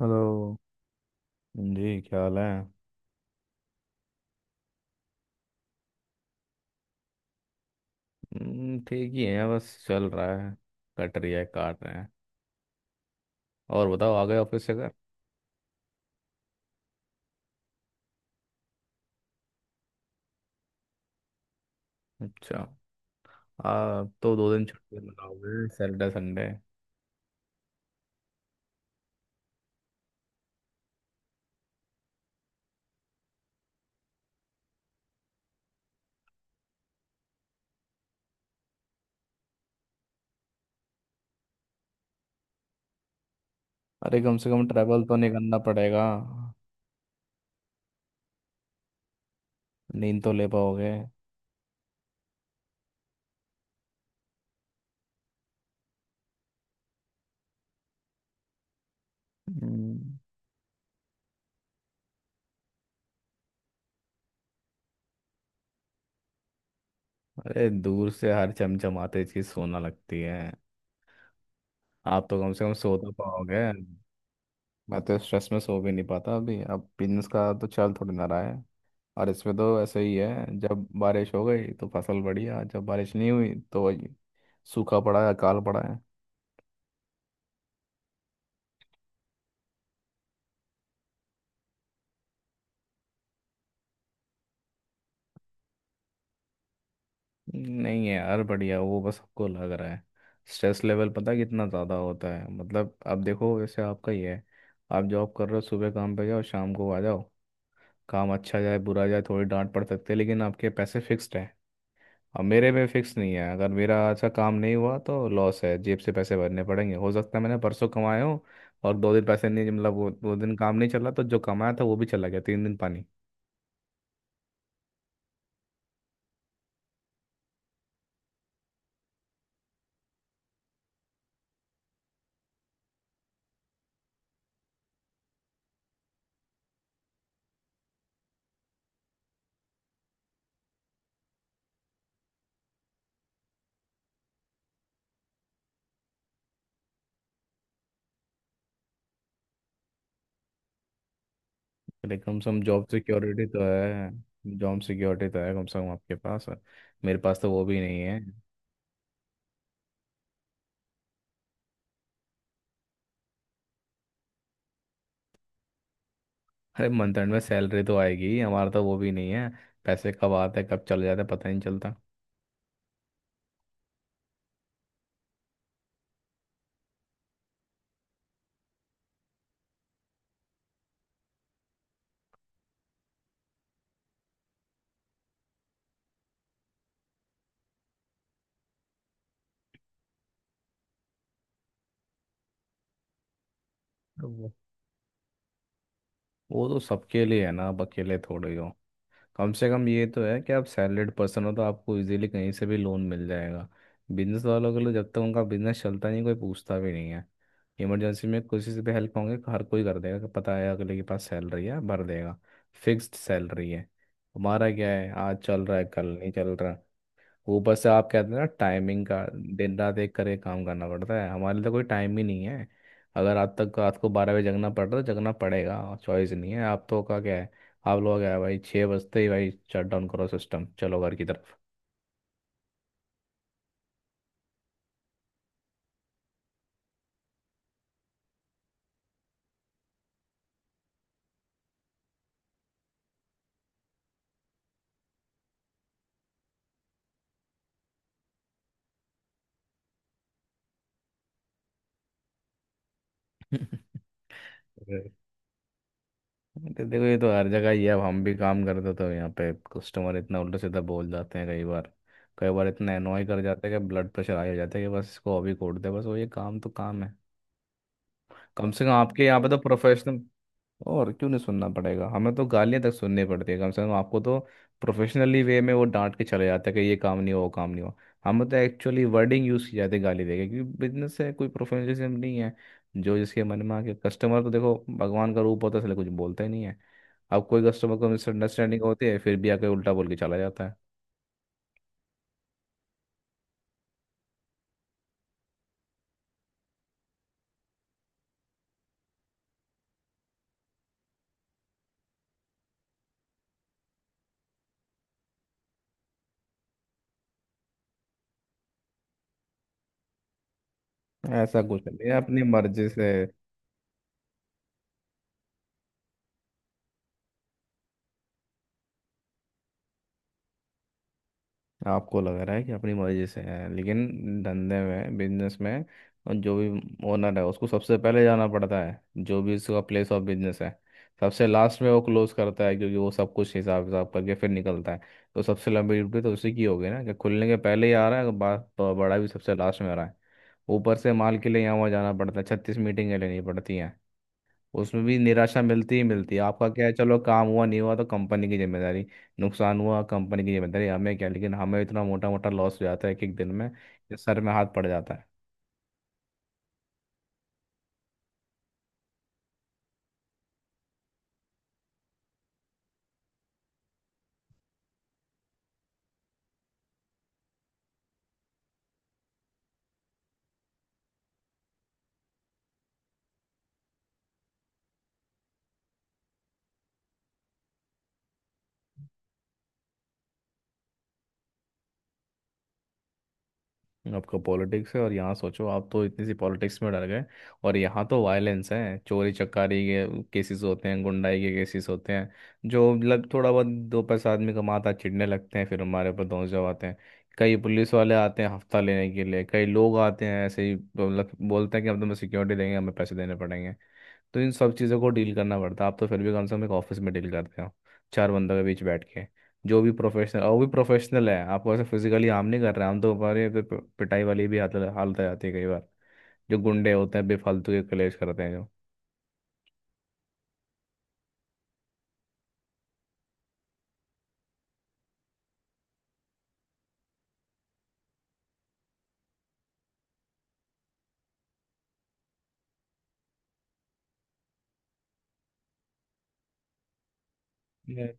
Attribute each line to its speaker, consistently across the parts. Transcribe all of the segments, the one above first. Speaker 1: Hello जी क्या हाल है? ठीक ही है, बस चल रहा है। कट रही है, काट रहे हैं। और बताओ, आ गए ऑफिस से घर? अच्छा, आ तो 2 दिन छुट्टी लगाओगे सैटरडे संडे। अरे, कम से कम ट्रैवल तो नहीं करना पड़ेगा। नींद तो ले पाओगे। हम्म। अरे, दूर से हर चमचमाते चीज सोना लगती है। आप तो कम से कम सो तो पाओगे। मैं तो स्ट्रेस में सो भी नहीं पाता अभी, अब बिजनेस का तो चल थोड़ी ना रहा है। और इसमें तो ऐसे ही है, जब बारिश हो गई तो फसल बढ़िया, जब बारिश नहीं हुई तो वही सूखा पड़ा है, अकाल पड़ा है। नहीं है यार बढ़िया, वो बस सबको लग रहा है। स्ट्रेस लेवल पता है कितना ज़्यादा होता है? मतलब अब देखो, वैसे आपका ही है, आप जॉब कर रहे हो, सुबह काम पे जाओ, शाम को आ जाओ। काम अच्छा जाए बुरा जाए, थोड़ी डांट पड़ सकती है, लेकिन आपके पैसे फिक्स्ड है। अब मेरे में फिक्स नहीं है, अगर मेरा अच्छा काम नहीं हुआ तो लॉस है, जेब से पैसे भरने पड़ेंगे। हो सकता है मैंने परसों कमाए हो और 2 दिन पैसे नहीं, मतलब वो 2 दिन काम नहीं चला तो जो कमाया था वो भी चला गया, 3 दिन पानी। लेकिन कम से कम जॉब सिक्योरिटी तो है, जॉब सिक्योरिटी तो है कम से कम आपके पास, मेरे पास तो वो भी नहीं है। अरे मंथ एंड में सैलरी तो आएगी, हमारा तो वो भी नहीं है। पैसे कब आते हैं कब चले जाते हैं पता ही नहीं चलता। वो वो तो सबके लिए है ना, अब अकेले थोड़े हो। कम से कम ये तो है कि आप सैलरीड पर्सन हो तो आपको इजीली कहीं से भी लोन मिल जाएगा। बिजनेस वालों के लिए जब तक उनका बिजनेस चलता नहीं कोई पूछता भी नहीं है। इमरजेंसी में किसी से भी हेल्प होंगे, हर कोई कर देगा कि पता है अगले के पास सैलरी है, भर देगा। फिक्स्ड सैलरी है। हमारा क्या है, आज चल रहा है कल नहीं चल रहा। ऊपर से आप कहते हैं ना टाइमिंग का, दिन रात एक करके काम करना पड़ता है। हमारे लिए तो कोई टाइम ही नहीं है, अगर रात तक रात को 12 बजे जगना पड़ रहा है तो जगना पड़ेगा। चॉइस नहीं है। आप तो का क्या है, आप लोग क्या है, भाई 6 बजते ही भाई शट डाउन करो सिस्टम, चलो घर की तरफ। हम्म। देखो ये तो हर जगह ही है। अब हम भी काम करते तो यहाँ पे कस्टमर इतना उल्टा सीधा बोल जाते हैं कई बार। कई बार इतना एनॉय कर जाते हैं कि ब्लड प्रेशर हाई हो जाता है, कि बस इसको अभी कोड दे, बस वो ये काम, तो काम है। कम से कम आपके यहाँ पे तो प्रोफेशनल। और क्यों नहीं सुनना पड़ेगा, हमें तो गालियां तक सुननी पड़ती है। कम से कम आपको तो प्रोफेशनली वे में वो डांट के चले जाते हैं कि ये काम नहीं हुआ वो काम नहीं हुआ। हमें तो एक्चुअली वर्डिंग यूज़ की जाती है गाली देके, क्योंकि बिजनेस है, कोई प्रोफेशनलिज्म नहीं है। जो जिसके मन में आके, कस्टमर तो देखो भगवान का रूप होता है, इसलिए कुछ बोलता ही नहीं है। अब कोई कस्टमर को मिसअंडरस्टैंडिंग होती है, फिर भी आके उल्टा बोल के चला जाता है। ऐसा कुछ नहीं है अपनी मर्जी से। आपको लग रहा है कि अपनी मर्जी से है, लेकिन धंधे में, बिजनेस में, और जो भी ओनर है उसको सबसे पहले जाना पड़ता है जो भी उसका प्लेस ऑफ बिजनेस है। सबसे लास्ट में वो क्लोज करता है, क्योंकि वो सब कुछ हिसाब हिसाब करके फिर निकलता है। तो सबसे लंबी ड्यूटी तो उसी की होगी ना, कि खुलने के पहले ही आ रहा है, बात तो बड़ा भी सबसे लास्ट में आ रहा है। ऊपर से माल के लिए यहाँ वहाँ जाना पड़ता है, 36 मीटिंगें लेनी पड़ती हैं। उसमें भी निराशा मिलती ही मिलती है। आपका क्या है, चलो काम हुआ नहीं हुआ तो कंपनी की जिम्मेदारी, नुकसान हुआ कंपनी की जिम्मेदारी, हमें क्या। लेकिन हमें इतना मोटा मोटा लॉस हो जाता है कि एक दिन में कि सर में हाथ पड़ जाता है। आपका पॉलिटिक्स है, और यहाँ सोचो, आप तो इतनी सी पॉलिटिक्स में डर गए, और यहाँ तो वायलेंस है, चोरी चकारी के केसेस होते हैं, गुंडाई के केसेस होते हैं। जो लग थोड़ा बहुत दो पैसा आदमी कमाता है, चिढ़ने लगते हैं, फिर हमारे ऊपर धौंस जमाते हैं। कई पुलिस वाले आते हैं हफ्ता लेने के लिए, कई लोग आते हैं ऐसे ही, मतलब बोलते हैं कि हम तुम्हें सिक्योरिटी देंगे, हमें पैसे देने पड़ेंगे। तो इन सब चीज़ों को डील करना पड़ता है। आप तो फिर भी कम से कम एक ऑफिस में डील करते हो, चार बंदों के बीच बैठ के, जो भी प्रोफेशनल। और वो भी प्रोफेशनल है, आपको ऐसे फिजिकली हार्म नहीं कर रहे। हम तो हमारे पे- पे- पिटाई वाली भी हालत हालत आ जाती है कई बार। जो गुंडे होते हैं बेफालतू के कलेश करते हैं। जो Yeah।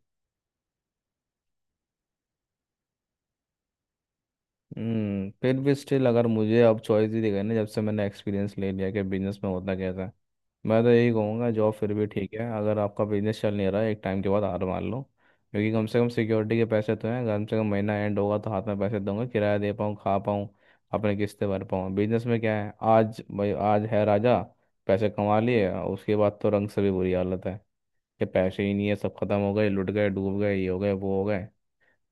Speaker 1: हम्म, फिर भी स्टिल अगर मुझे अब चॉइस ही दी गई ना, जब से मैंने एक्सपीरियंस ले लिया कि बिजनेस में होता कैसा है, मैं तो यही कहूँगा जॉब फिर भी ठीक है। अगर आपका बिजनेस चल नहीं रहा है, एक टाइम के बाद हार मान लो, क्योंकि कम से कम सिक्योरिटी के पैसे तो हैं, कम से कम महीना एंड होगा तो हाथ में पैसे दूंगा, किराया दे पाऊँ, खा पाऊँ, अपने किस्तें भर पाऊँ। बिजनेस में क्या है, आज भाई आज है राजा, पैसे कमा लिए, उसके बाद तो रंग से भी बुरी हालत है। कि पैसे ही नहीं है, सब खत्म हो गए, लुट गए, डूब गए, ये हो गए, वो हो गए।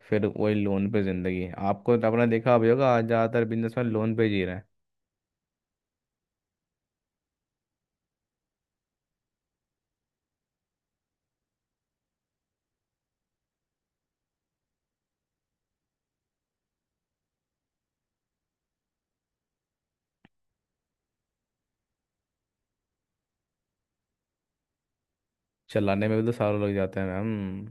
Speaker 1: फिर वही लोन पे जिंदगी। आपको तो आपने देखा भी होगा, आज ज़्यादातर बिजनेस में लोन पे जी रहे हैं। चलाने में भी तो सालों लग जाते हैं मैम,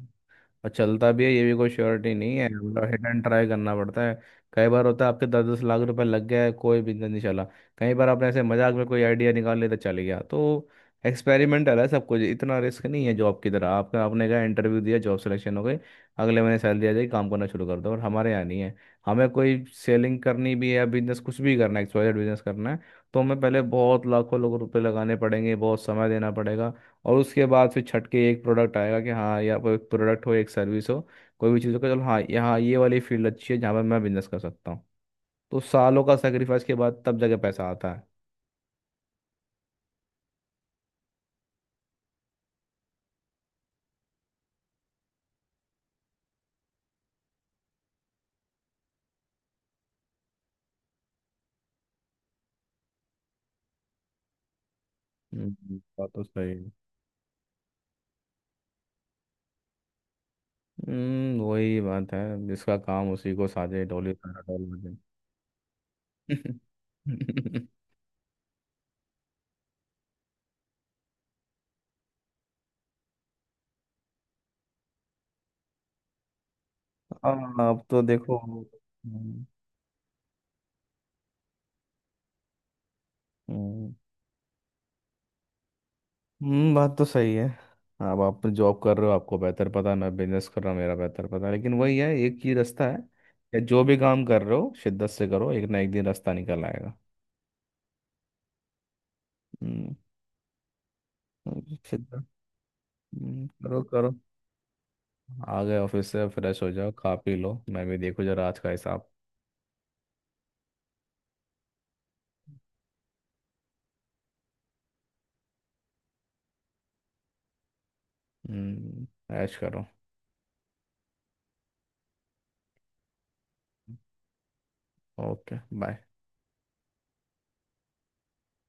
Speaker 1: और चलता भी है ये भी कोई श्योरिटी नहीं है, मतलब हिट एंड ट्राई करना पड़ता है। कई बार होता है आपके दस दस लाख रुपए लग गया है, कोई बिजनेस नहीं चला। कई बार आपने ऐसे मजाक में कोई आइडिया निकाल लिया तो चल गया। तो एक्सपेरिमेंटल है सब कुछ, इतना रिस्क नहीं है जॉब की तरह। आपका, आपने कहा इंटरव्यू दिया, जॉब सिलेक्शन हो गई, अगले महीने सैलरी आ जाएगी, काम करना शुरू कर दो। और हमारे यहाँ नहीं है। हमें कोई सेलिंग करनी भी है या बिजनेस कुछ भी करना है, एक्सवाइजेड बिजनेस करना है, तो हमें पहले बहुत लाखों लोगों रुपए लगाने पड़ेंगे, बहुत समय देना पड़ेगा। और उसके बाद फिर छट के एक प्रोडक्ट आएगा कि हाँ, या कोई प्रोडक्ट हो, एक सर्विस हो, कोई भी चीज़ हो, कि चलो हाँ यहाँ ये वाली फील्ड अच्छी है जहाँ पर मैं बिजनेस कर सकता हूँ। तो सालों का सेक्रीफाइस के बाद तब जाके पैसा आता है। बात तो सही है। हम्म, वही बात है। जिसका काम उसी को, साजे डोली सारा डोल बजे। हाँ, अब तो देखो। हम्म, हम्म। हम्म, बात तो सही है। अब आप जॉब कर रहे हो आपको बेहतर पता है, मैं बिजनेस कर रहा हूँ मेरा बेहतर पता है, लेकिन वही है, एक ही रास्ता है, कि जो भी काम कर रहे हो शिद्दत से करो, एक ना एक दिन रास्ता निकल आएगा। हम्म। शिद्दत। करो करो। आ गए ऑफिस से, फ्रेश हो जाओ, खा पी लो। मैं भी देखो जरा आज का हिसाब। हम्म ऐश करो। Okay bye.